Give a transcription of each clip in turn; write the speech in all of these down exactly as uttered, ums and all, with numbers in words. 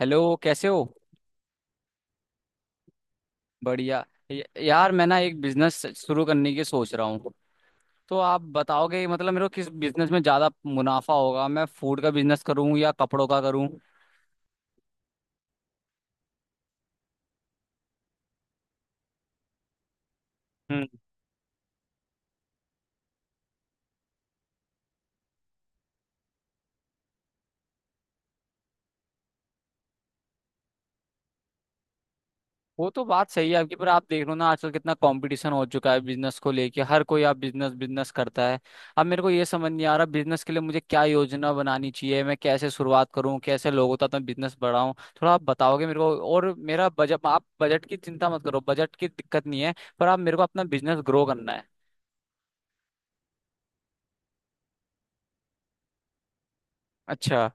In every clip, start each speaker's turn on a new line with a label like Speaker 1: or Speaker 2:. Speaker 1: Hello, कैसे हो? बढ़िया। य- यार मैं ना एक बिजनेस शुरू करने की सोच रहा हूँ। तो आप बताओगे मतलब मेरे को किस बिजनेस में ज्यादा मुनाफा होगा, मैं फूड का बिजनेस करूँ या कपड़ों का करूँ? वो तो बात सही है आपकी, पर आप देख लो ना आजकल कितना कंपटीशन हो चुका है बिजनेस को लेके, हर कोई आप बिजनेस बिजनेस करता है। अब मेरे को ये समझ नहीं आ रहा, बिजनेस के लिए मुझे क्या योजना बनानी चाहिए, मैं कैसे शुरुआत करूं, कैसे लोगों तक मैं बिजनेस बढ़ाऊं? थोड़ा आप बताओगे मेरे को, और मेरा बजट, आप बजट की चिंता मत करो, बजट की दिक्कत नहीं है। पर आप मेरे को अपना बिजनेस ग्रो करना है। अच्छा।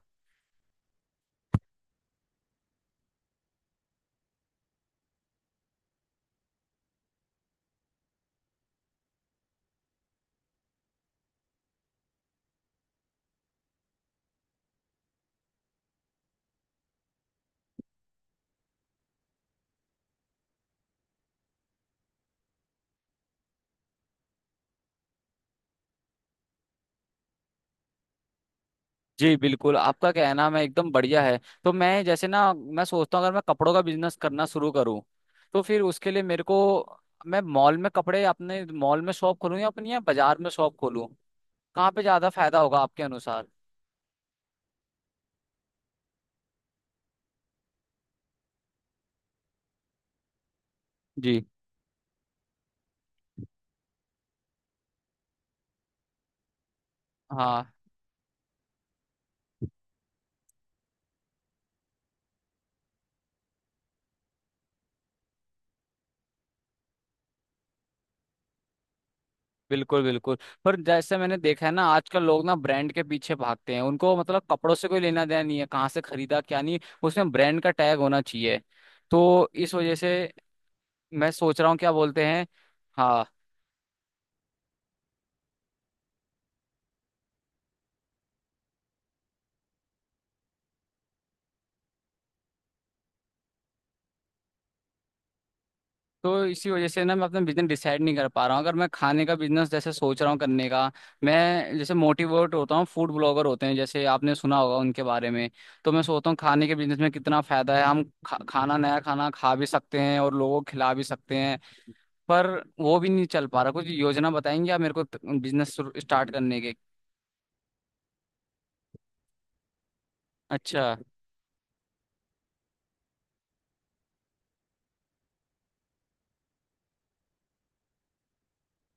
Speaker 1: जी बिल्कुल, आपका कहना मैं एकदम बढ़िया है। तो मैं जैसे ना मैं सोचता हूँ, अगर मैं कपड़ों का बिजनेस करना शुरू करूँ तो फिर उसके लिए मेरे को, मैं मॉल में कपड़े अपने मॉल में शॉप खोलूँ या अपनी या बाजार में शॉप खोलूँ, कहाँ पे ज़्यादा फायदा होगा आपके अनुसार? जी। हाँ, बिल्कुल बिल्कुल। पर जैसे मैंने देखा है ना आजकल लोग ना ब्रांड के पीछे भागते हैं, उनको मतलब कपड़ों से कोई लेना देना नहीं है कहाँ से खरीदा क्या नहीं, उसमें ब्रांड का टैग होना चाहिए। तो इस वजह से मैं सोच रहा हूँ, क्या बोलते हैं। हाँ। तो इसी वजह से ना मैं अपना बिजनेस डिसाइड नहीं कर पा रहा हूँ, अगर मैं खाने का बिजनेस जैसे सोच रहा हूँ करने का, मैं जैसे मोटिवेट होता हूँ फूड ब्लॉगर होते हैं जैसे आपने सुना होगा उनके बारे में। तो मैं सोचता हूँ खाने के बिजनेस में कितना फायदा है, हम खा, खाना नया खाना खा भी सकते हैं और लोगों को खिला भी सकते हैं। पर वो भी नहीं चल पा रहा, कुछ योजना बताएंगे आप मेरे को बिजनेस स्टार्ट करने के? अच्छा।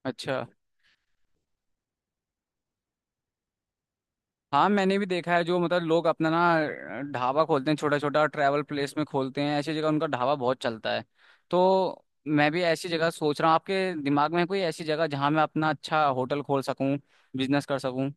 Speaker 1: अच्छा। हाँ, मैंने भी देखा है जो मतलब लोग अपना ना ढाबा खोलते हैं, छोटा छोटा ट्रैवल प्लेस में खोलते हैं ऐसी जगह, उनका ढाबा बहुत चलता है। तो मैं भी ऐसी जगह सोच रहा हूँ, आपके दिमाग में है कोई ऐसी जगह जहाँ मैं अपना अच्छा होटल खोल सकूँ, बिजनेस कर सकूँ?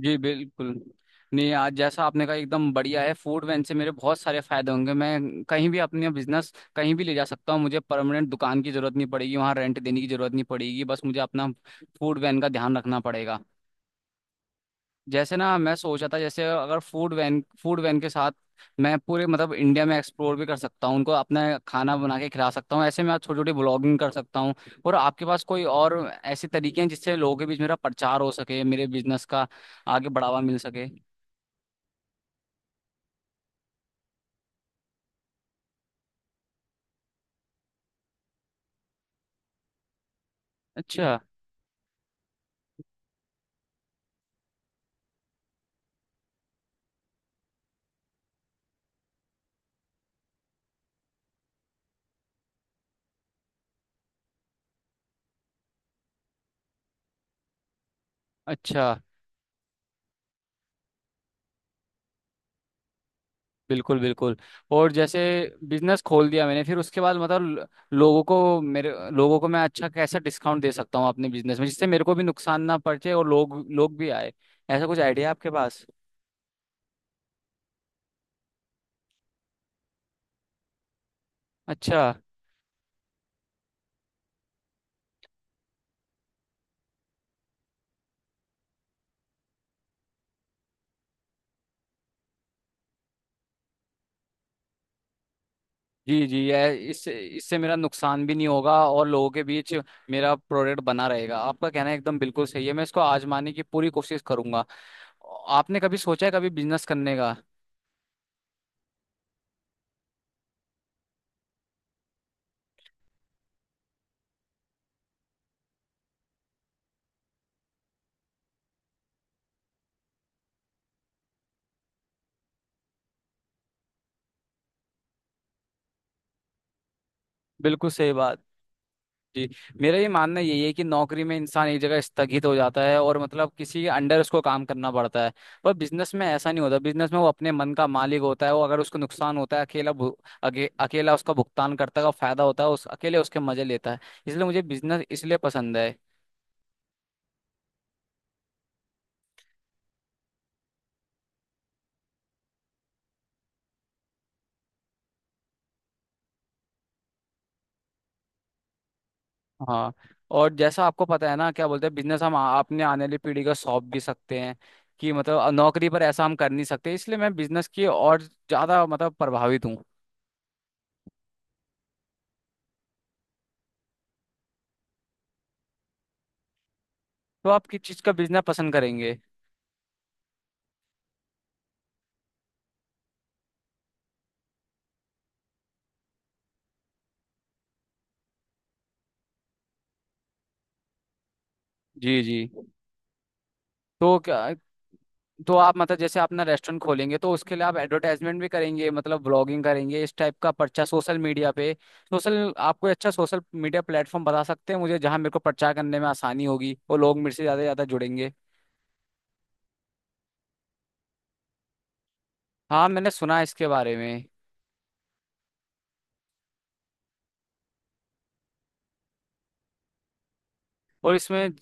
Speaker 1: जी बिल्कुल। नहीं, आज जैसा आपने कहा एकदम बढ़िया है, फूड वैन से मेरे बहुत सारे फायदे होंगे, मैं कहीं भी अपने बिजनेस कहीं भी ले जा सकता हूँ, मुझे परमानेंट दुकान की जरूरत नहीं पड़ेगी, वहाँ रेंट देने की जरूरत नहीं पड़ेगी, बस मुझे अपना फूड वैन का ध्यान रखना पड़ेगा। जैसे ना मैं सोचा था जैसे अगर फूड वैन, फूड वैन के साथ मैं पूरे मतलब इंडिया में एक्सप्लोर भी कर सकता हूँ, उनको अपना खाना बना के खिला सकता हूँ, ऐसे मैं छोटी छोटी ब्लॉगिंग कर सकता हूँ। और आपके पास कोई और ऐसे तरीके हैं जिससे लोगों के बीच मेरा प्रचार हो सके, मेरे बिजनेस का आगे बढ़ावा मिल सके? अच्छा। अच्छा। बिल्कुल बिल्कुल। और जैसे बिजनेस खोल दिया मैंने, फिर उसके बाद मतलब ल- लोगों को मेरे, लोगों को मैं अच्छा कैसा डिस्काउंट दे सकता हूँ अपने बिजनेस में, जिससे मेरे को भी नुकसान ना पहुंचे और लोग लोग भी आए? ऐसा कुछ आइडिया आपके पास? अच्छा। जी जी, ये इससे, इससे मेरा नुकसान भी नहीं होगा और लोगों के बीच मेरा प्रोडक्ट बना रहेगा, आपका कहना एकदम बिल्कुल सही है, मैं इसको आजमाने की पूरी कोशिश करूंगा। आपने कभी सोचा है कभी बिजनेस करने का? बिल्कुल सही बात। जी। मेरा ये मानना यही है कि नौकरी में इंसान एक जगह स्थगित हो जाता है और मतलब किसी के अंडर उसको काम करना पड़ता है। पर बिजनेस में ऐसा नहीं होता, बिजनेस में वो अपने मन का मालिक होता है, वो अगर उसको नुकसान होता है अकेला भु- अके, अकेला उसका भुगतान करता है, और फायदा होता है उस अकेले उसके मजे लेता है। इसलिए मुझे बिजनेस इसलिए पसंद है। हाँ। और जैसा आपको पता है ना, क्या बोलते हैं, बिजनेस हम आ- अपने आने वाली पीढ़ी को सौंप भी सकते हैं, कि मतलब नौकरी पर ऐसा हम कर नहीं सकते, इसलिए मैं बिजनेस की और ज्यादा मतलब प्रभावित हूँ। तो आप किस चीज का बिजनेस पसंद करेंगे? जी जी। तो क्या, तो आप मतलब जैसे अपना रेस्टोरेंट खोलेंगे तो उसके लिए आप एडवर्टाइजमेंट भी करेंगे, मतलब ब्लॉगिंग करेंगे इस टाइप का, पर्चा सोशल मीडिया पे, सोशल, आप कोई अच्छा सोशल मीडिया प्लेटफॉर्म बता सकते हैं मुझे, जहाँ मेरे को प्रचार करने में आसानी होगी और लोग मेरे से ज्यादा से ज्यादा जुड़ेंगे? हाँ, मैंने सुना है इसके बारे में। और इसमें,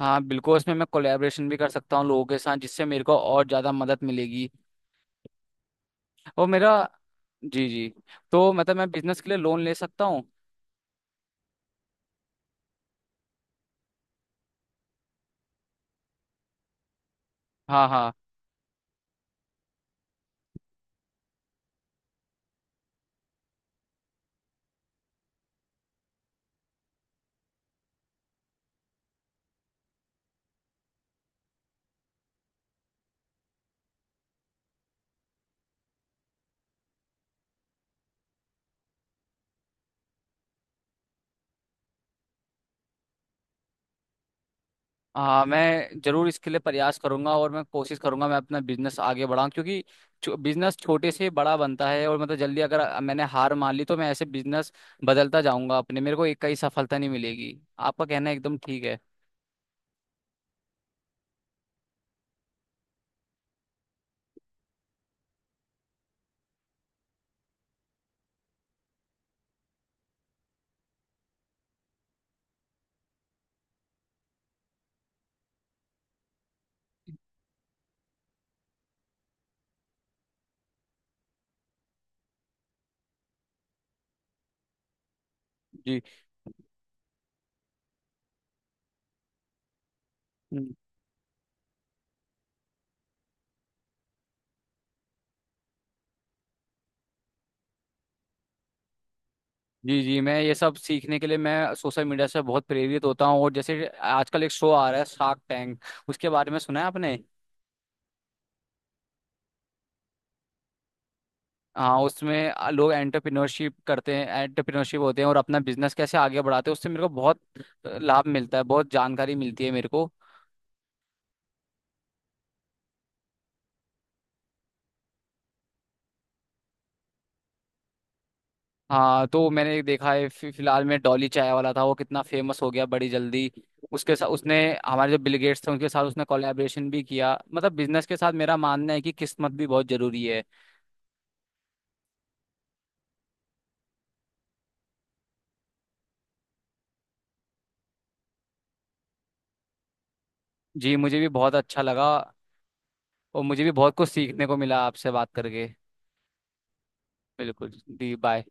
Speaker 1: हाँ बिल्कुल, इसमें मैं कोलैबोरेशन भी कर सकता हूँ लोगों के साथ, जिससे मेरे को और ज़्यादा मदद मिलेगी। और मेरा, जी जी। तो मतलब मैं बिजनेस के लिए लोन ले सकता हूँ? हाँ हाँ। हाँ मैं जरूर इसके लिए प्रयास करूंगा, और मैं कोशिश करूंगा मैं अपना बिजनेस आगे बढ़ाऊं, क्योंकि बिजनेस छोटे से बड़ा बनता है और मतलब जल्दी अगर मैंने हार मान ली तो मैं ऐसे बिजनेस बदलता जाऊंगा, अपने मेरे को एक कई सफलता नहीं मिलेगी, आपका कहना एकदम ठीक है। जी जी। जी, मैं ये सब सीखने के लिए मैं सोशल मीडिया से बहुत प्रेरित होता हूँ, और जैसे आजकल एक शो आ रहा है शार्क टैंक, उसके बारे में सुना है आपने? हाँ, उसमें लोग एंटरप्रेन्योरशिप करते हैं, एंटरप्रेन्योरशिप होते हैं, और अपना बिजनेस कैसे आगे बढ़ाते हैं, उससे मेरे को बहुत लाभ मिलता है, बहुत जानकारी मिलती है मेरे को। हाँ, तो मैंने एक देखा है फि- फिलहाल में, डॉली चाय वाला था वो, कितना फेमस हो गया बड़ी जल्दी, उसके साथ उसने, हमारे जो बिल गेट्स थे उनके साथ उसने कोलैबोरेशन भी किया। मतलब बिजनेस के साथ मेरा मानना है कि किस्मत भी बहुत जरूरी है। जी मुझे भी बहुत अच्छा लगा, और मुझे भी बहुत कुछ सीखने को मिला आपसे बात करके। बिल्कुल। दी, बाय।